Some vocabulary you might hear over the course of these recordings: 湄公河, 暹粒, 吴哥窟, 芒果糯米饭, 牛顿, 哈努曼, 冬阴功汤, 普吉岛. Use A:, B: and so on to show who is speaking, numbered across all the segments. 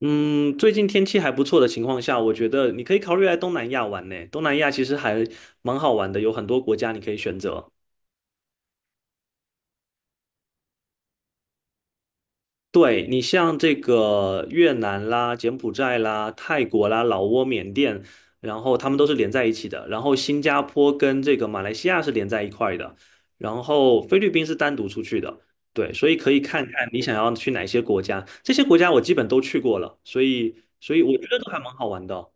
A: 嗯，最近天气还不错的情况下，我觉得你可以考虑来东南亚玩呢。东南亚其实还蛮好玩的，有很多国家你可以选择。对，你像这个越南啦、柬埔寨啦、泰国啦、老挝、缅甸，然后他们都是连在一起的。然后新加坡跟这个马来西亚是连在一块的，然后菲律宾是单独出去的。对，所以可以看看你想要去哪些国家。这些国家我基本都去过了，所以我觉得都还蛮好玩的哦。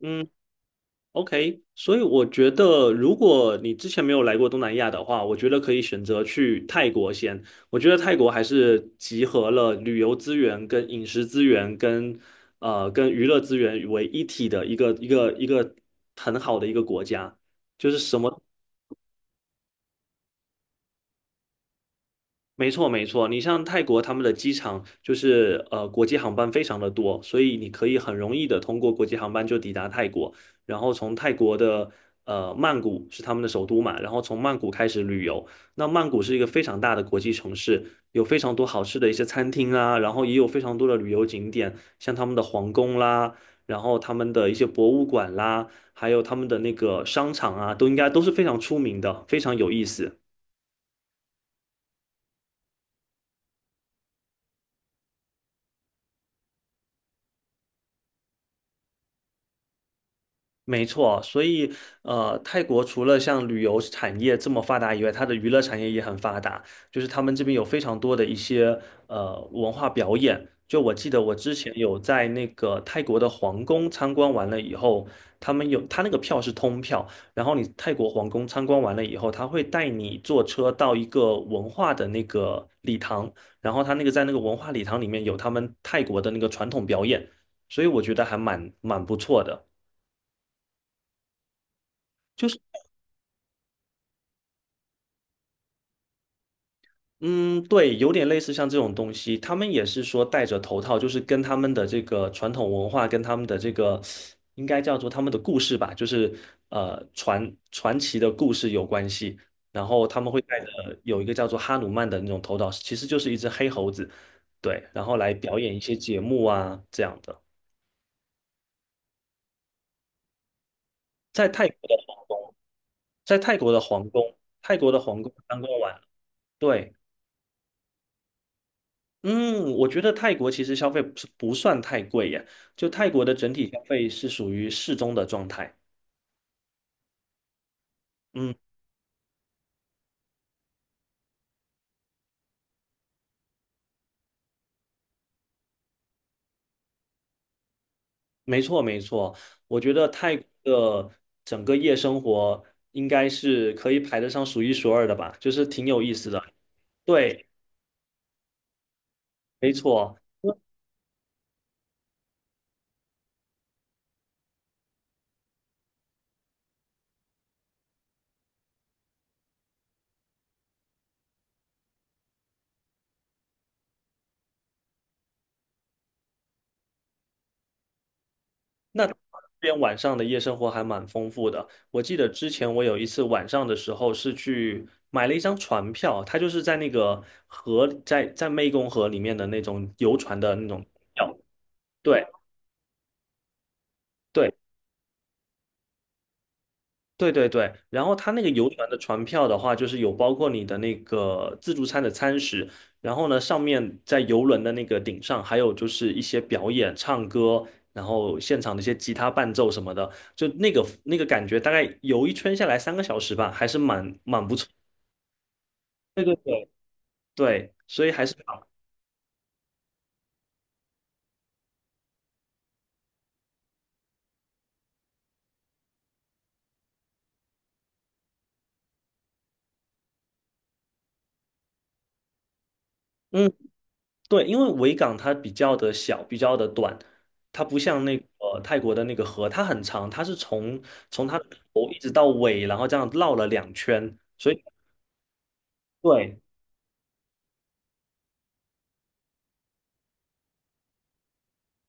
A: 嗯。OK，所以我觉得，如果你之前没有来过东南亚的话，我觉得可以选择去泰国先。我觉得泰国还是集合了旅游资源、跟饮食资源、跟娱乐资源为一体的一个很好的一个国家，就是什么没错，没错。你像泰国，他们的机场就是国际航班非常的多，所以你可以很容易的通过国际航班就抵达泰国，然后从泰国的曼谷是他们的首都嘛，然后从曼谷开始旅游。那曼谷是一个非常大的国际城市，有非常多好吃的一些餐厅啊，然后也有非常多的旅游景点，像他们的皇宫啦，然后他们的一些博物馆啦，还有他们的那个商场啊，都应该都是非常出名的，非常有意思。没错，所以泰国除了像旅游产业这么发达以外，它的娱乐产业也很发达。就是他们这边有非常多的一些文化表演。就我记得我之前有在那个泰国的皇宫参观完了以后，他们有他那个票是通票，然后你泰国皇宫参观完了以后，他会带你坐车到一个文化的那个礼堂，然后他那个在那个文化礼堂里面有他们泰国的那个传统表演，所以我觉得还蛮不错的。就是。嗯，对，有点类似像这种东西，他们也是说戴着头套，就是跟他们的这个传统文化，跟他们的这个应该叫做他们的故事吧，就是呃传传奇的故事有关系。然后他们会戴着有一个叫做哈努曼的那种头套，其实就是一只黑猴子，对，然后来表演一些节目啊这样的。在泰国的皇，在泰国的皇宫，泰国的皇宫刚刚完，对。嗯，我觉得泰国其实消费不是不算太贵耶，就泰国的整体消费是属于适中的状态。嗯，没错没错，我觉得泰国的整个夜生活应该是可以排得上数一数二的吧，就是挺有意思的。对，没错。那这边晚上的夜生活还蛮丰富的。我记得之前我有一次晚上的时候是去买了一张船票，它就是在那个河，在湄公河里面的那种游船的那种。票。对对对对对，然后它那个游船的船票的话，就是有包括你的那个自助餐的餐食，然后呢，上面在游轮的那个顶上，还有就是一些表演、唱歌，然后现场的一些吉他伴奏什么的，就那个感觉，大概游一圈下来3个小时吧，还是蛮不错。对对对对，所以还是嗯。对，因为维港它比较的小，比较的短，它不像那个泰国的那个河，它很长，它是从它的头一直到尾，然后这样绕了2圈，所以对，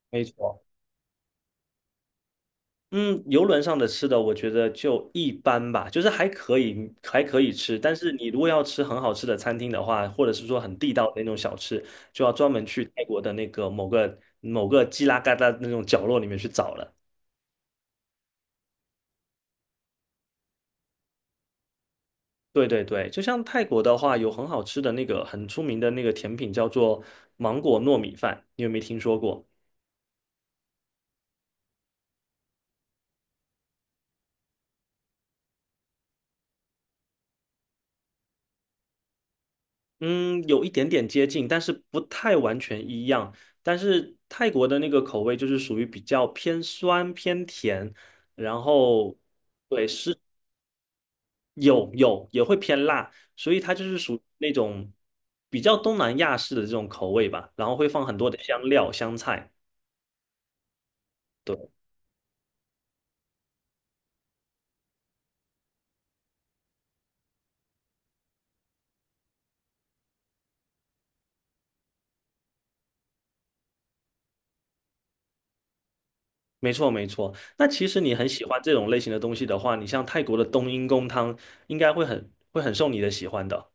A: 没错。嗯，游轮上的吃的我觉得就一般吧，就是还可以，还可以吃。但是你如果要吃很好吃的餐厅的话，或者是说很地道的那种小吃，就要专门去泰国的那个某个犄拉旮旯那种角落里面去找了。对对对，就像泰国的话，有很好吃的那个很出名的那个甜品叫做芒果糯米饭，你有没有听说过？嗯，有一点点接近，但是不太完全一样。但是泰国的那个口味就是属于比较偏酸偏甜，然后也会偏辣，所以它就是属于那种比较东南亚式的这种口味吧，然后会放很多的香料香菜。对。没错，没错。那其实你很喜欢这种类型的东西的话，你像泰国的冬阴功汤，应该会很受你的喜欢的。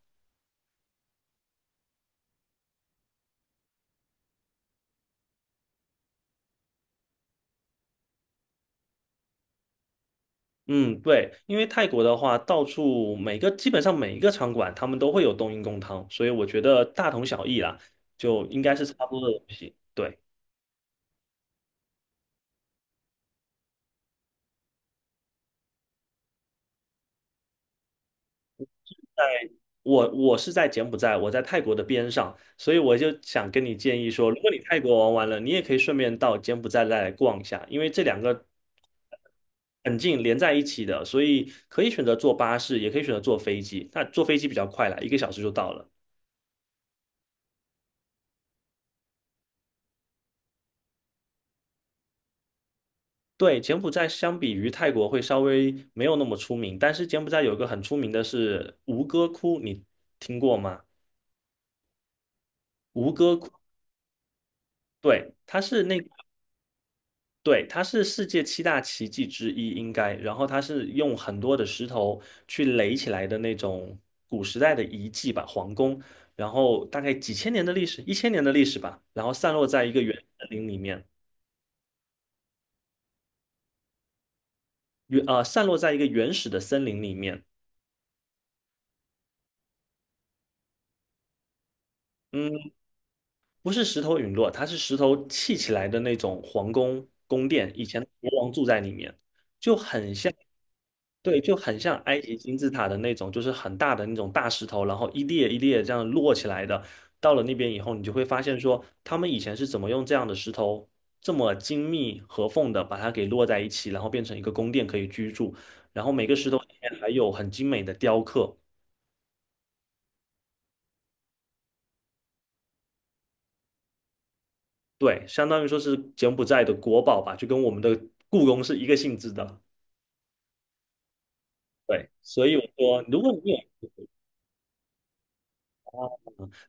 A: 嗯，对，因为泰国的话，到处每个基本上每一个餐馆，他们都会有冬阴功汤，所以我觉得大同小异啦，就应该是差不多的东西。对。我是在柬埔寨，我在泰国的边上，所以我就想跟你建议说，如果你泰国玩完了，你也可以顺便到柬埔寨再来逛一下，因为这两个很近，连在一起的，所以可以选择坐巴士，也可以选择坐飞机。那坐飞机比较快啦，1个小时就到了。对，柬埔寨相比于泰国会稍微没有那么出名，但是柬埔寨有一个很出名的是吴哥窟，你听过吗？吴哥窟，对，它是那对，它是世界七大奇迹之一，应该。然后它是用很多的石头去垒起来的那种古时代的遗迹吧，皇宫。然后大概几千年的历史，1000年的历史吧。然后散落在一个原森林里面，散落在一个原始的森林里面。嗯。不是石头陨落，它是石头砌起来的那种皇宫宫殿，以前国王住在里面，就很像，对，就很像埃及金字塔的那种，就是很大的那种大石头，然后一列一列这样摞起来的。到了那边以后，你就会发现说，他们以前是怎么用这样的石头这么精密合缝的把它给摞在一起，然后变成一个宫殿可以居住，然后每个石头里面还有很精美的雕刻，对，相当于说是柬埔寨的国宝吧，就跟我们的故宫是一个性质的。对，所以我说，如果你有，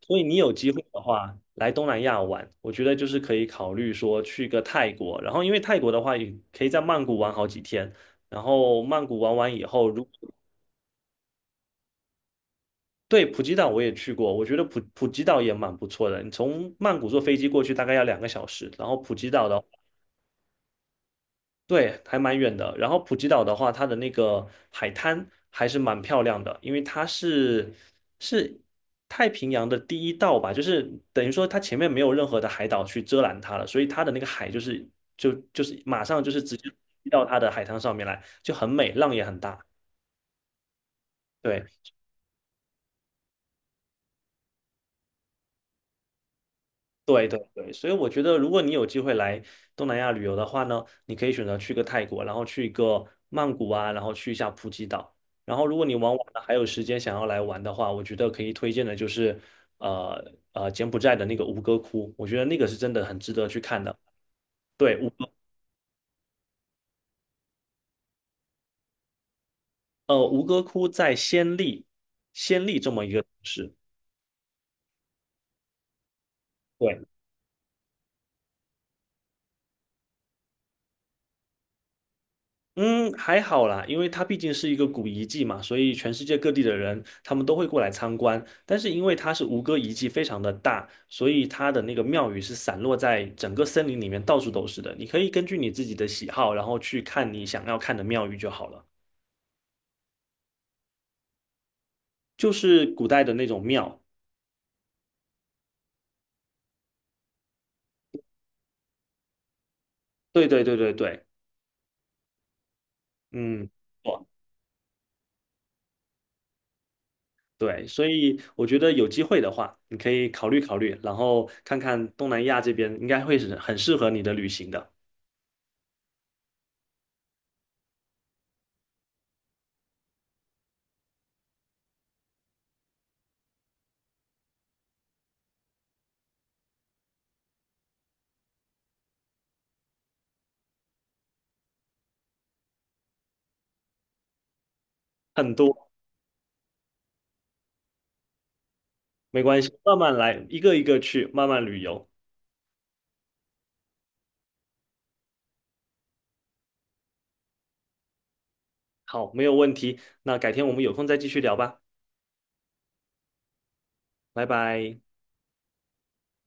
A: 所以你有机会的话，来东南亚玩，我觉得就是可以考虑说去个泰国，然后因为泰国的话，也可以在曼谷玩好几天，然后曼谷玩完以后，如果对普吉岛我也去过，我觉得普吉岛也蛮不错的，你从曼谷坐飞机过去大概要2个小时，然后普吉岛的对，还蛮远的。然后普吉岛的话，它的那个海滩还是蛮漂亮的，因为它是太平洋的第一道吧，就是等于说它前面没有任何的海岛去遮拦它了，所以它的那个海就是马上就是直接滴到它的海滩上面来，就很美，浪也很大。对。对对对，所以我觉得，如果你有机会来东南亚旅游的话呢，你可以选择去个泰国，然后去一个曼谷啊，然后去一下普吉岛。然后，如果你玩完了还有时间想要来玩的话，我觉得可以推荐的就是，柬埔寨的那个吴哥窟，我觉得那个是真的很值得去看的。对，吴哥窟在暹粒，暹粒这么一个城市。对。嗯，还好啦，因为它毕竟是一个古遗迹嘛，所以全世界各地的人他们都会过来参观。但是因为它是吴哥遗迹非常的大，所以它的那个庙宇是散落在整个森林里面，到处都是的。你可以根据你自己的喜好，然后去看你想要看的庙宇就好了。就是古代的那种庙。对对对对对，嗯，不对，所以我觉得有机会的话，你可以考虑考虑，然后看看东南亚这边应该会是很适合你的旅行的。很多。没关系，慢慢来，一个一个去，慢慢旅游。好，没有问题。那改天我们有空再继续聊吧，拜拜。